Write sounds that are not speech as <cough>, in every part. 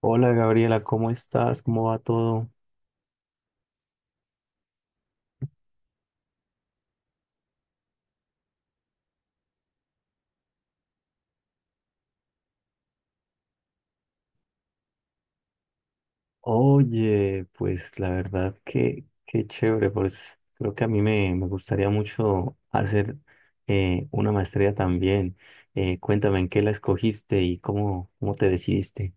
Hola Gabriela, ¿cómo estás? ¿Cómo va todo? Oye, pues la verdad que qué chévere, pues creo que a mí me gustaría mucho hacer una maestría también. Cuéntame en qué la escogiste y cómo, cómo te decidiste.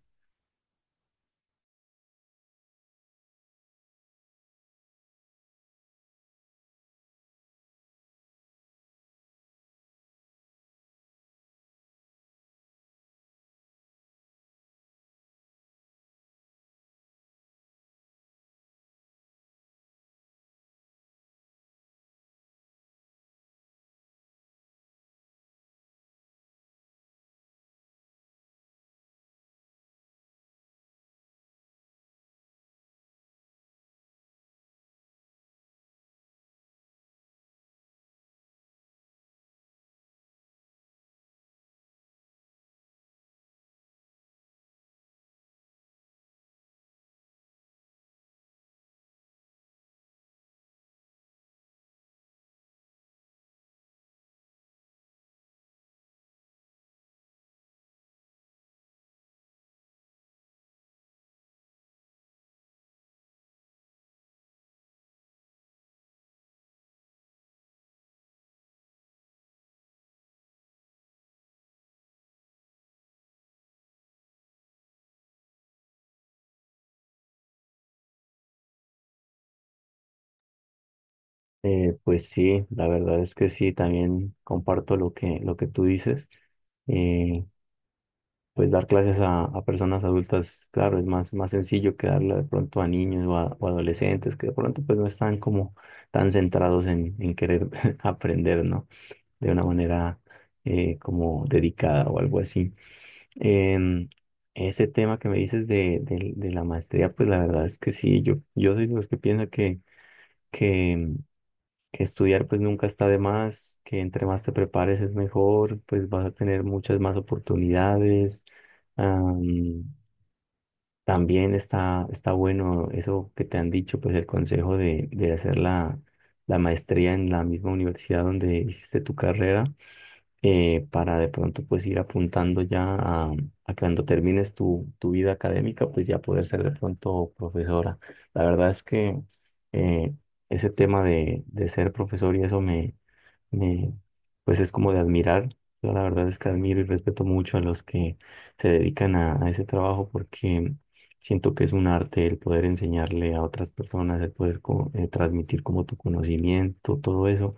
Pues sí, la verdad es que sí, también comparto lo que tú dices. Pues dar clases a personas adultas, claro, es más, más sencillo que darle de pronto a niños o, o adolescentes que de pronto pues no están como tan centrados en querer <laughs> aprender, ¿no? De una manera como dedicada o algo así. Em, ese tema que me dices de la maestría, pues la verdad es que sí, yo soy de los que piensa que, que, em, que estudiar pues nunca está de más, que entre más te prepares es mejor, pues vas a tener muchas más oportunidades. También está bueno eso que te han dicho, pues el consejo de hacer la maestría en la misma universidad donde hiciste tu carrera, para de pronto pues ir apuntando ya a cuando termines tu vida académica, pues ya poder ser de pronto profesora. La verdad es que eh, ese tema de ser profesor y eso eh, pues es como de admirar. Yo la verdad es que admiro y respeto mucho a los que se dedican a ese trabajo porque siento que es un arte el poder enseñarle a otras personas, el poder transmitir como tu conocimiento, todo eso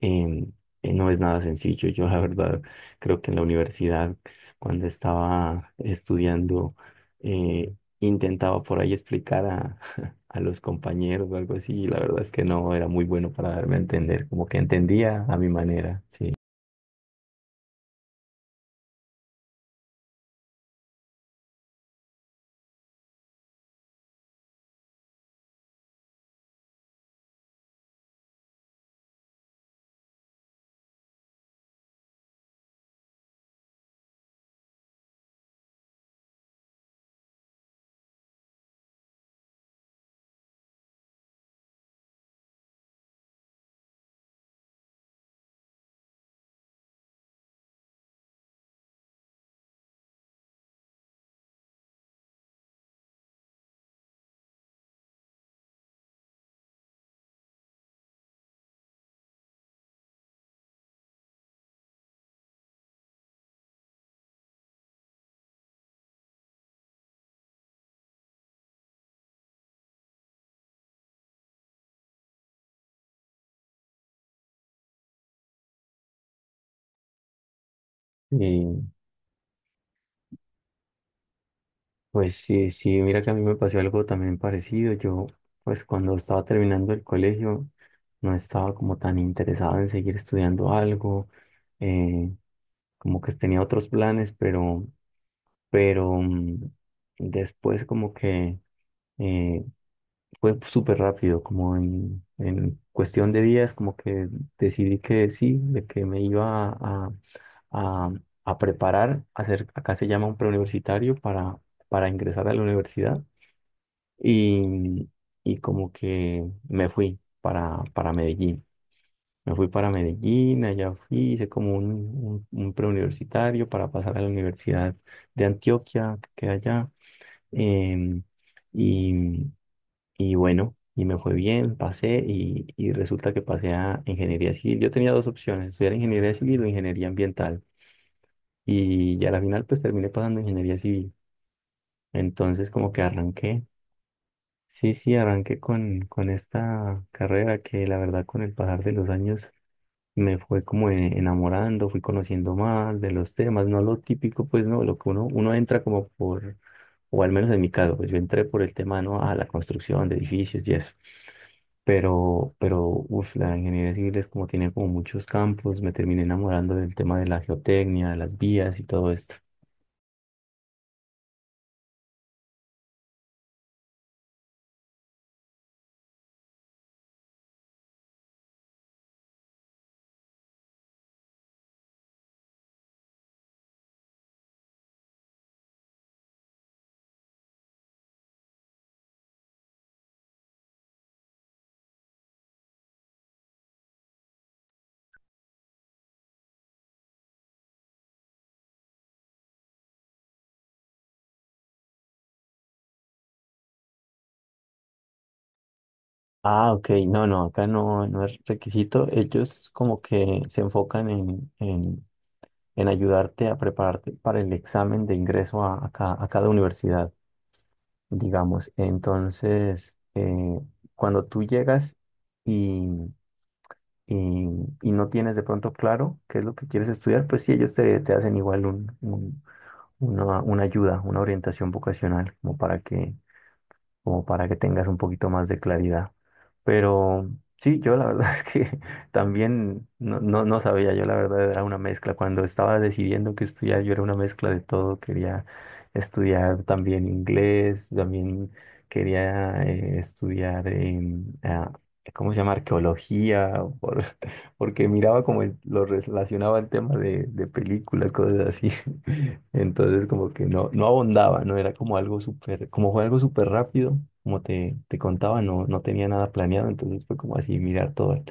em, no es nada sencillo. Yo la verdad creo que en la universidad, cuando estaba estudiando, eh, intentaba por ahí explicar a, <laughs> a los compañeros o algo así, y la verdad es que no era muy bueno para darme a entender, como que entendía a mi manera, sí. Y pues sí, sí, mira que a mí me pasó algo también parecido. Yo, pues cuando estaba terminando el colegio, no estaba como tan interesado en seguir estudiando algo, eh, como que tenía otros planes, pero pero mm, después como que eh, fue súper rápido, como en cuestión de días, como que decidí que sí, de que me iba a, a preparar, a hacer, acá se llama un preuniversitario para ingresar a la universidad y, y como que me fui para Medellín. Me fui para Medellín, allá fui, hice como un preuniversitario para pasar a la Universidad de Antioquia, que queda allá, em, y, y bueno, y me fue bien, pasé y resulta que pasé a ingeniería civil. Yo tenía dos opciones, estudiar ingeniería civil o ingeniería ambiental. Y ya a la final pues terminé pasando ingeniería civil. Entonces como que arranqué, sí, sí, arranqué con esta carrera que la verdad con el pasar de los años me fue como enamorando, fui conociendo más de los temas, no lo típico, pues no, lo que uno entra como por, o al menos en mi caso, pues yo entré por el tema, ¿no? A la construcción de edificios y eso. Pero, uf, la ingeniería civil es como tiene como muchos campos, me terminé enamorando del tema de la geotecnia, de las vías y todo esto. Ah, ok, no, no, acá no, no es requisito. Ellos como que se enfocan en ayudarte a prepararte para el examen de ingreso a, a cada universidad, digamos. Entonces, cuando tú llegas y, y- y no tienes de pronto claro qué es lo que quieres estudiar, pues sí, ellos te, te hacen igual una ayuda, una orientación vocacional, como para que tengas un poquito más de claridad. Pero sí, yo la verdad <laughs> es que también no, no, no sabía, yo la verdad era una mezcla. Cuando estaba decidiendo qué estudiar, yo era una mezcla de todo. Quería estudiar también inglés, también quería estudiar, ¿cómo se llama? Arqueología, por- <laughs> porque miraba como lo relacionaba el tema de películas, cosas así. Entonces como que no, no abondaba, no era como algo súper, como fue algo súper rápido, como te contaba, no, no tenía nada planeado, entonces fue como así mirar todo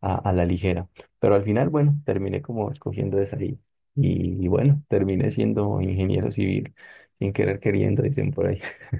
a la ligera. Pero al final, bueno, terminé como escogiendo esa y bueno, terminé siendo ingeniero civil, sin querer queriendo, dicen por ahí. <laughs>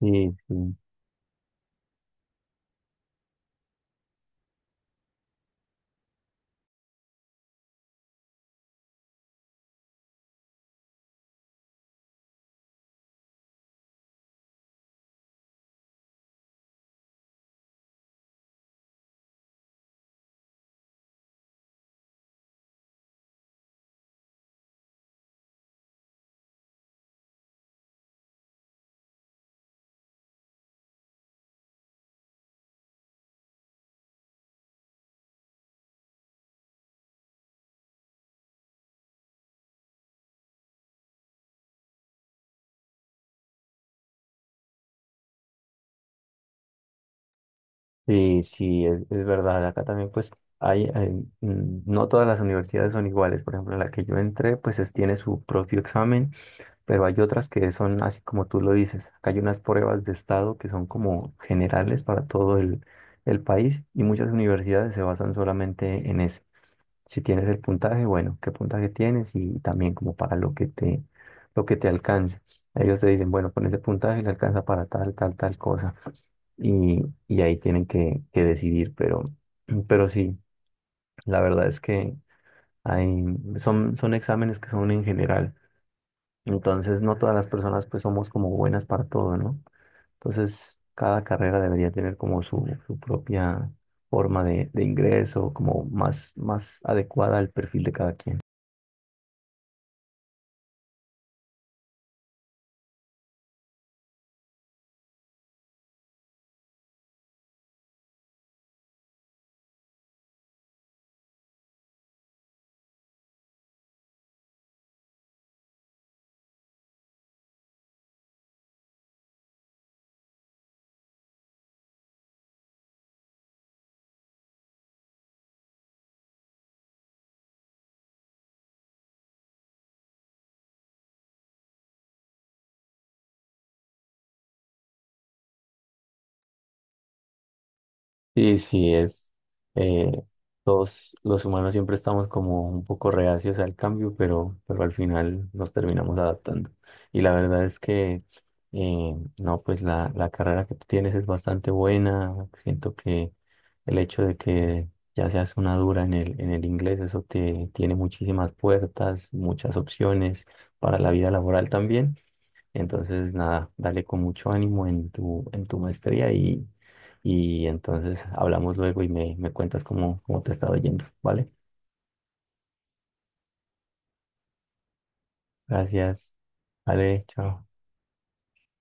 Sí, sí, sí, sí, es verdad. Acá también pues hay, no todas las universidades son iguales. Por ejemplo, la que yo entré pues tiene su propio examen, pero hay otras que son así como tú lo dices. Acá hay unas pruebas de estado que son como generales para todo el país y muchas universidades se basan solamente en eso. Si tienes el puntaje, bueno, qué puntaje tienes y también como para lo que te alcance. Ellos te dicen, bueno, con ese puntaje le alcanza para tal, tal, tal cosa. Y, y ahí tienen que decidir, pero sí, la verdad es que hay, son, son exámenes que son en general. Entonces, no todas las personas pues somos como buenas para todo, ¿no? Entonces, cada carrera debería tener como su propia forma de ingreso, como más, más adecuada al perfil de cada quien. Sí, sí, es. eh, Todos los humanos siempre estamos como un poco reacios al cambio, pero al final nos terminamos adaptando. Y la verdad es que, no, pues la carrera que tú tienes es bastante buena. Siento que el hecho de que ya seas una dura en el inglés, eso te tiene muchísimas puertas, muchas opciones para la vida laboral también. Entonces, nada, dale con mucho ánimo en tu maestría y entonces hablamos luego y me cuentas cómo, cómo te está yendo, ¿vale? Gracias. Vale, chao.